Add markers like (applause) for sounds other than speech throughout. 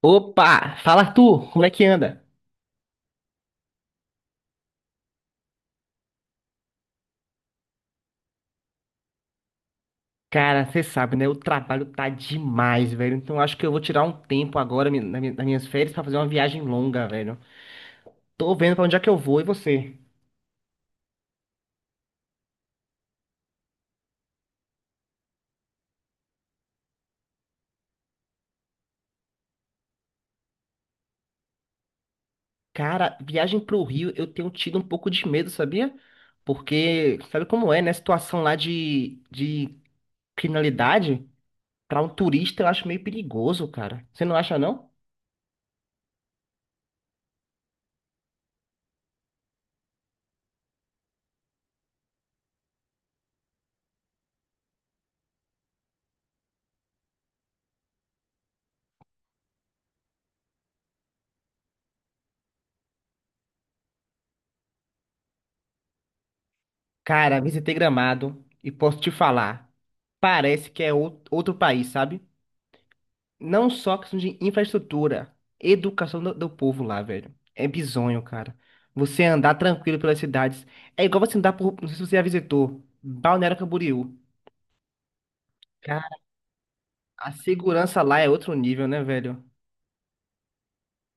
Opa, fala Arthur, como é que anda? Cara, você sabe, né? O trabalho tá demais, velho. Então acho que eu vou tirar um tempo agora nas minhas férias pra fazer uma viagem longa, velho. Tô vendo pra onde é que eu vou e você? Cara, viagem pro Rio, eu tenho tido um pouco de medo, sabia? Porque sabe como é, né? A situação lá de criminalidade, pra um turista eu acho meio perigoso, cara. Você não acha, não? Cara, visitei Gramado e posso te falar, parece que é outro país, sabe? Não só questão de infraestrutura, educação do povo lá, velho. É bizonho, cara. Você andar tranquilo pelas cidades. É igual você andar por. Não sei se você já visitou. Balneário Camboriú. Cara, a segurança lá é outro nível, né, velho?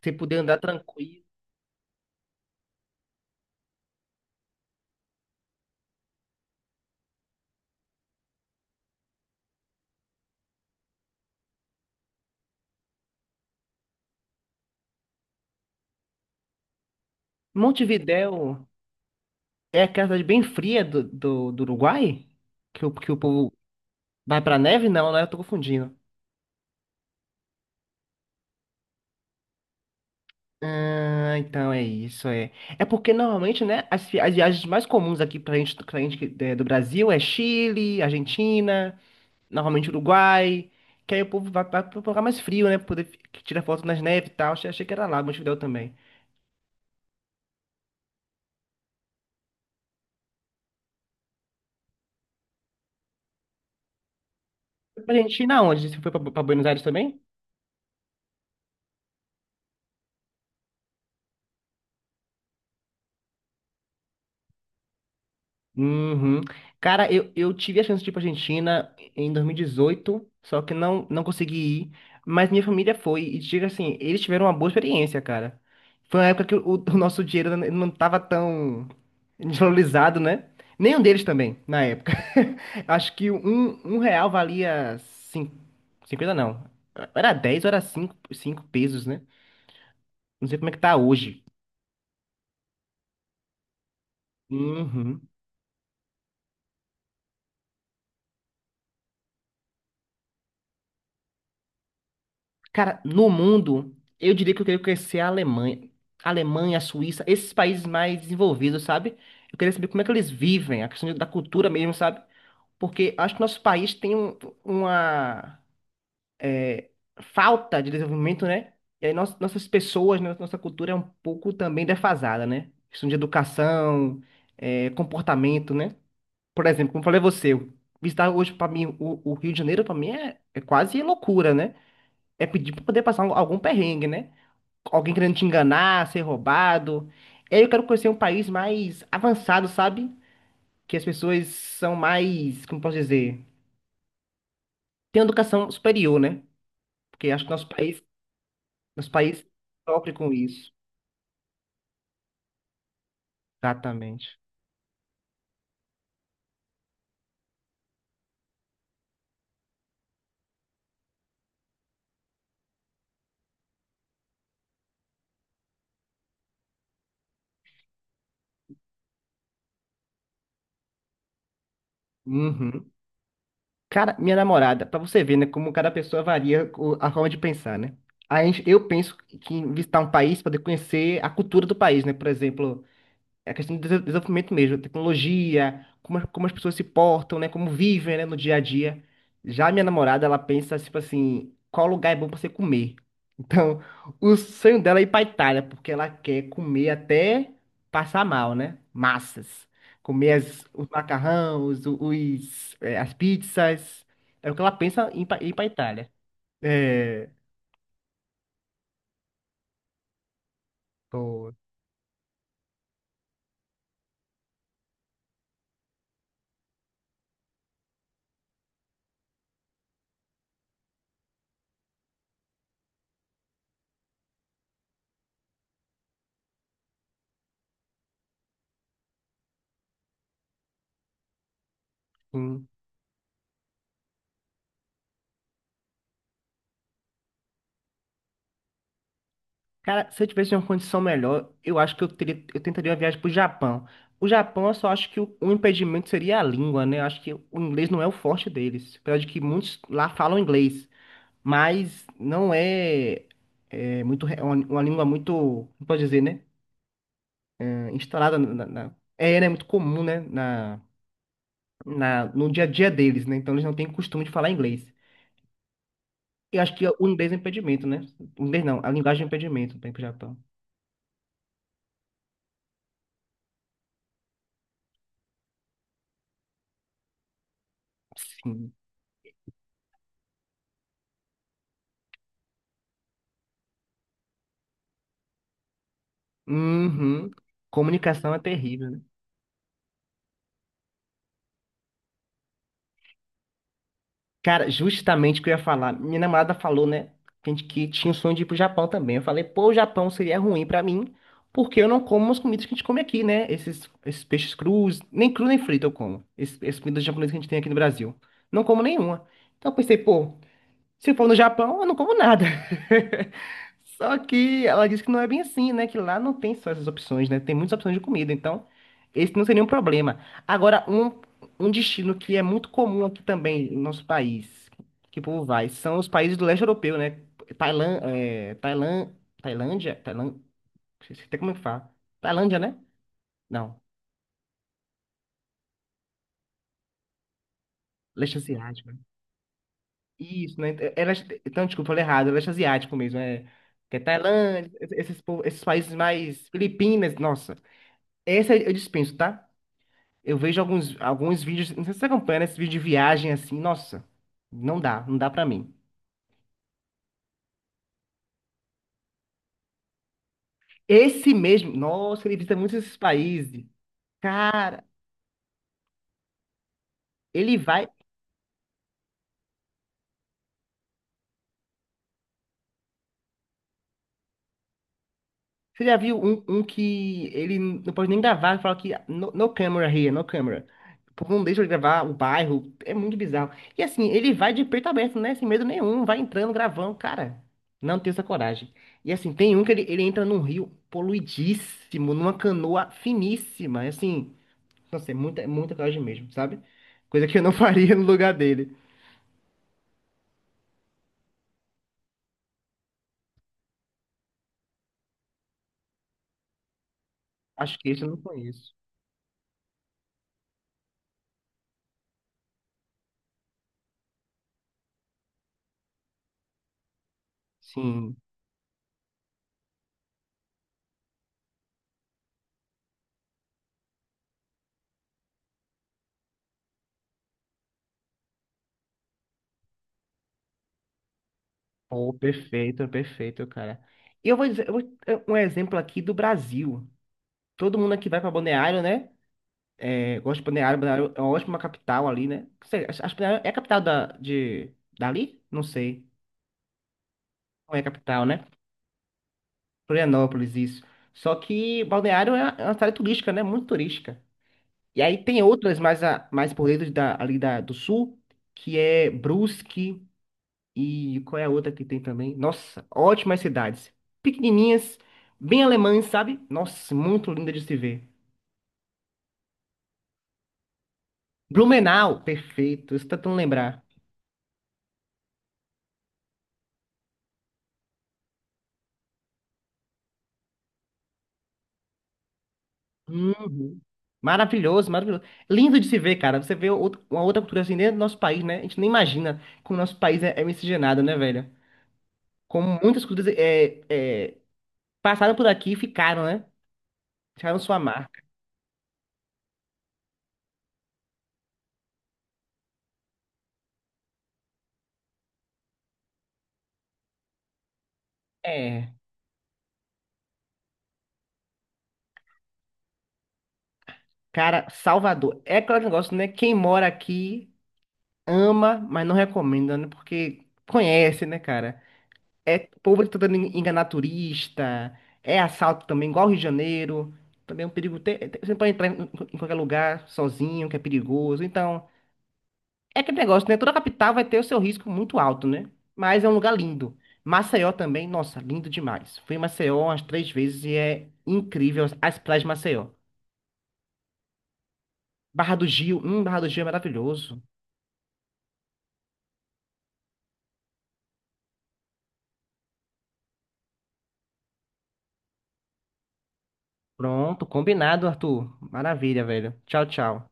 Você poder andar tranquilo. Montevidéu é aquela cidade bem fria do Uruguai? Que o povo vai pra neve? Não, né? Eu tô confundindo. Ah, então é isso, é. É porque normalmente, né, as viagens mais comuns aqui pra gente, do Brasil é Chile, Argentina, normalmente Uruguai, que aí o povo vai pro lugar mais frio, né, pra poder tirar foto nas neves e tal. Achei que era lá, Montevidéu também. Foi pra Argentina onde? Você foi pra Buenos Aires também? Uhum. Cara, eu tive a chance de ir pra Argentina em 2018 só que não consegui ir, mas minha família foi, e diga assim, eles tiveram uma boa experiência, cara. Foi uma época que o nosso dinheiro não tava tão desvalorizado, né? Nenhum deles também, na época. (laughs) Acho que um real valia cinco cinquenta não. Era 10 ou era cinco pesos, né? Não sei como é que tá hoje. Uhum. Cara, no mundo, eu diria que eu queria conhecer a Alemanha. A Alemanha, a Suíça, esses países mais desenvolvidos, sabe? Eu queria saber como é que eles vivem, a questão da cultura mesmo, sabe? Porque acho que nosso país tem uma é, falta de desenvolvimento, né? E aí nossas pessoas, né, nossa cultura é um pouco também defasada, né? Questão de educação, comportamento, né? Por exemplo, como falei a você, visitar hoje para mim o Rio de Janeiro, para mim é quase loucura, né? É pedir para poder passar algum perrengue, né? Alguém querendo te enganar, ser roubado. E aí eu quero conhecer um país mais avançado, sabe? Que as pessoas são mais, como posso dizer, têm uma educação superior, né? Porque acho que nosso país sofre com isso. Exatamente. Uhum. Cara, minha namorada, pra você ver, né, como cada pessoa varia a forma de pensar, né? A gente, eu penso que em visitar um país, poder conhecer a cultura do país, né? Por exemplo, é a questão do desenvolvimento mesmo, tecnologia, como, como as pessoas se portam, né? Como vivem, né, no dia a dia. Já a minha namorada, ela pensa, tipo assim, qual lugar é bom pra você comer? (laughs) Então, o sonho dela é ir pra Itália, porque ela quer comer até passar mal, né? Massas. Comer os macarrão, as pizzas. É o que ela pensa em ir pra Itália. É, pô, sim. Cara, se eu tivesse uma condição melhor, eu acho que eu teria, eu tentaria uma viagem pro Japão. O Japão, eu só acho que o impedimento seria a língua, né? Eu acho que o inglês não é o forte deles. Apesar de que muitos lá falam inglês, mas não é muito, é uma língua muito, como pode dizer, né? É, instalada na, né? Muito comum, né? No dia a dia deles, né? Então eles não têm costume de falar inglês. Eu acho que o inglês é um impedimento, né? O inglês não, a linguagem é um impedimento para ir pro Japão. Sim. Uhum. Comunicação é terrível, né? Cara, justamente o que eu ia falar. Minha namorada falou, né? Que que tinha o sonho de ir pro Japão também. Eu falei, pô, o Japão seria ruim pra mim, porque eu não como as comidas que a gente come aqui, né? Esses peixes crus, nem cru nem frito eu como. Essas comidas japonesas que a gente tem aqui no Brasil. Não como nenhuma. Então eu pensei, pô. Se for no Japão, eu não como nada. (laughs) Só que ela disse que não é bem assim, né? Que lá não tem só essas opções, né? Tem muitas opções de comida, então esse não seria um problema. Agora, um destino que é muito comum aqui também no nosso país, que o povo vai, são os países do leste europeu, né? Tailã, é, Tailã, Tailândia, Tailândia, não sei até como é que fala. Tailândia, né? Não, leste asiático. Isso, né? Era, então, desculpa, falei errado, era asiático mesmo, é. Que é Tailândia, esses países mais. Filipinas, nossa. Esse eu dispenso, tá? Eu vejo alguns vídeos, não sei se você acompanha, né? Esse vídeo de viagem assim, nossa, não dá, não dá pra mim. Esse mesmo, nossa, ele visita muitos esses países. Cara, ele vai. Você já viu um que ele não pode nem gravar, fala que no, no camera here, no camera. O povo não deixa ele gravar o bairro, é muito bizarro. E assim, ele vai de peito aberto, né? Sem medo nenhum, vai entrando, gravando, cara. Não tem essa coragem. E assim, tem um que ele entra num rio poluidíssimo, numa canoa finíssima. Assim, nossa, é muita coragem mesmo, sabe? Coisa que eu não (laughs) faria no lugar dele. Acho que esse eu não conheço. Sim. Oh, perfeito, perfeito, cara. E eu vou dizer, é um exemplo aqui do Brasil. Todo mundo aqui vai para Balneário, né? É, gosta de Balneário, Balneário é uma ótima capital ali, né? Não sei, acho que Balneário é a capital da, de, dali? Não sei. Não é a capital, né? Florianópolis, isso. Só que Balneário é uma cidade turística, né? Muito turística. E aí tem outras mais, mais por dentro do sul, que é Brusque. E qual é a outra que tem também? Nossa, ótimas cidades. Pequenininhas, bem alemãs, sabe? Nossa, muito linda de se ver. Blumenau, perfeito. Estou tentando lembrar. Uhum. Maravilhoso, maravilhoso. Lindo de se ver, cara. Você vê uma outra cultura assim dentro do nosso país, né? A gente nem imagina como o nosso país é miscigenado, né, velho? Como muitas culturas passaram por aqui e ficaram, né? Deixaram sua marca. É, cara, Salvador. É aquele negócio, né? Quem mora aqui, ama, mas não recomenda, né? Porque conhece, né, cara? É povo tá tentando enganar turista, é assalto também, igual ao Rio de Janeiro. Também é um perigo. Você não pode entrar em qualquer lugar sozinho, que é perigoso. Então, é aquele negócio, né? Toda capital vai ter o seu risco muito alto, né? Mas é um lugar lindo. Maceió também, nossa, lindo demais. Fui em Maceió umas 3 vezes e é incrível as praias de Maceió. Barra do Gil é maravilhoso. Pronto, combinado, Arthur. Maravilha, velho. Tchau, tchau.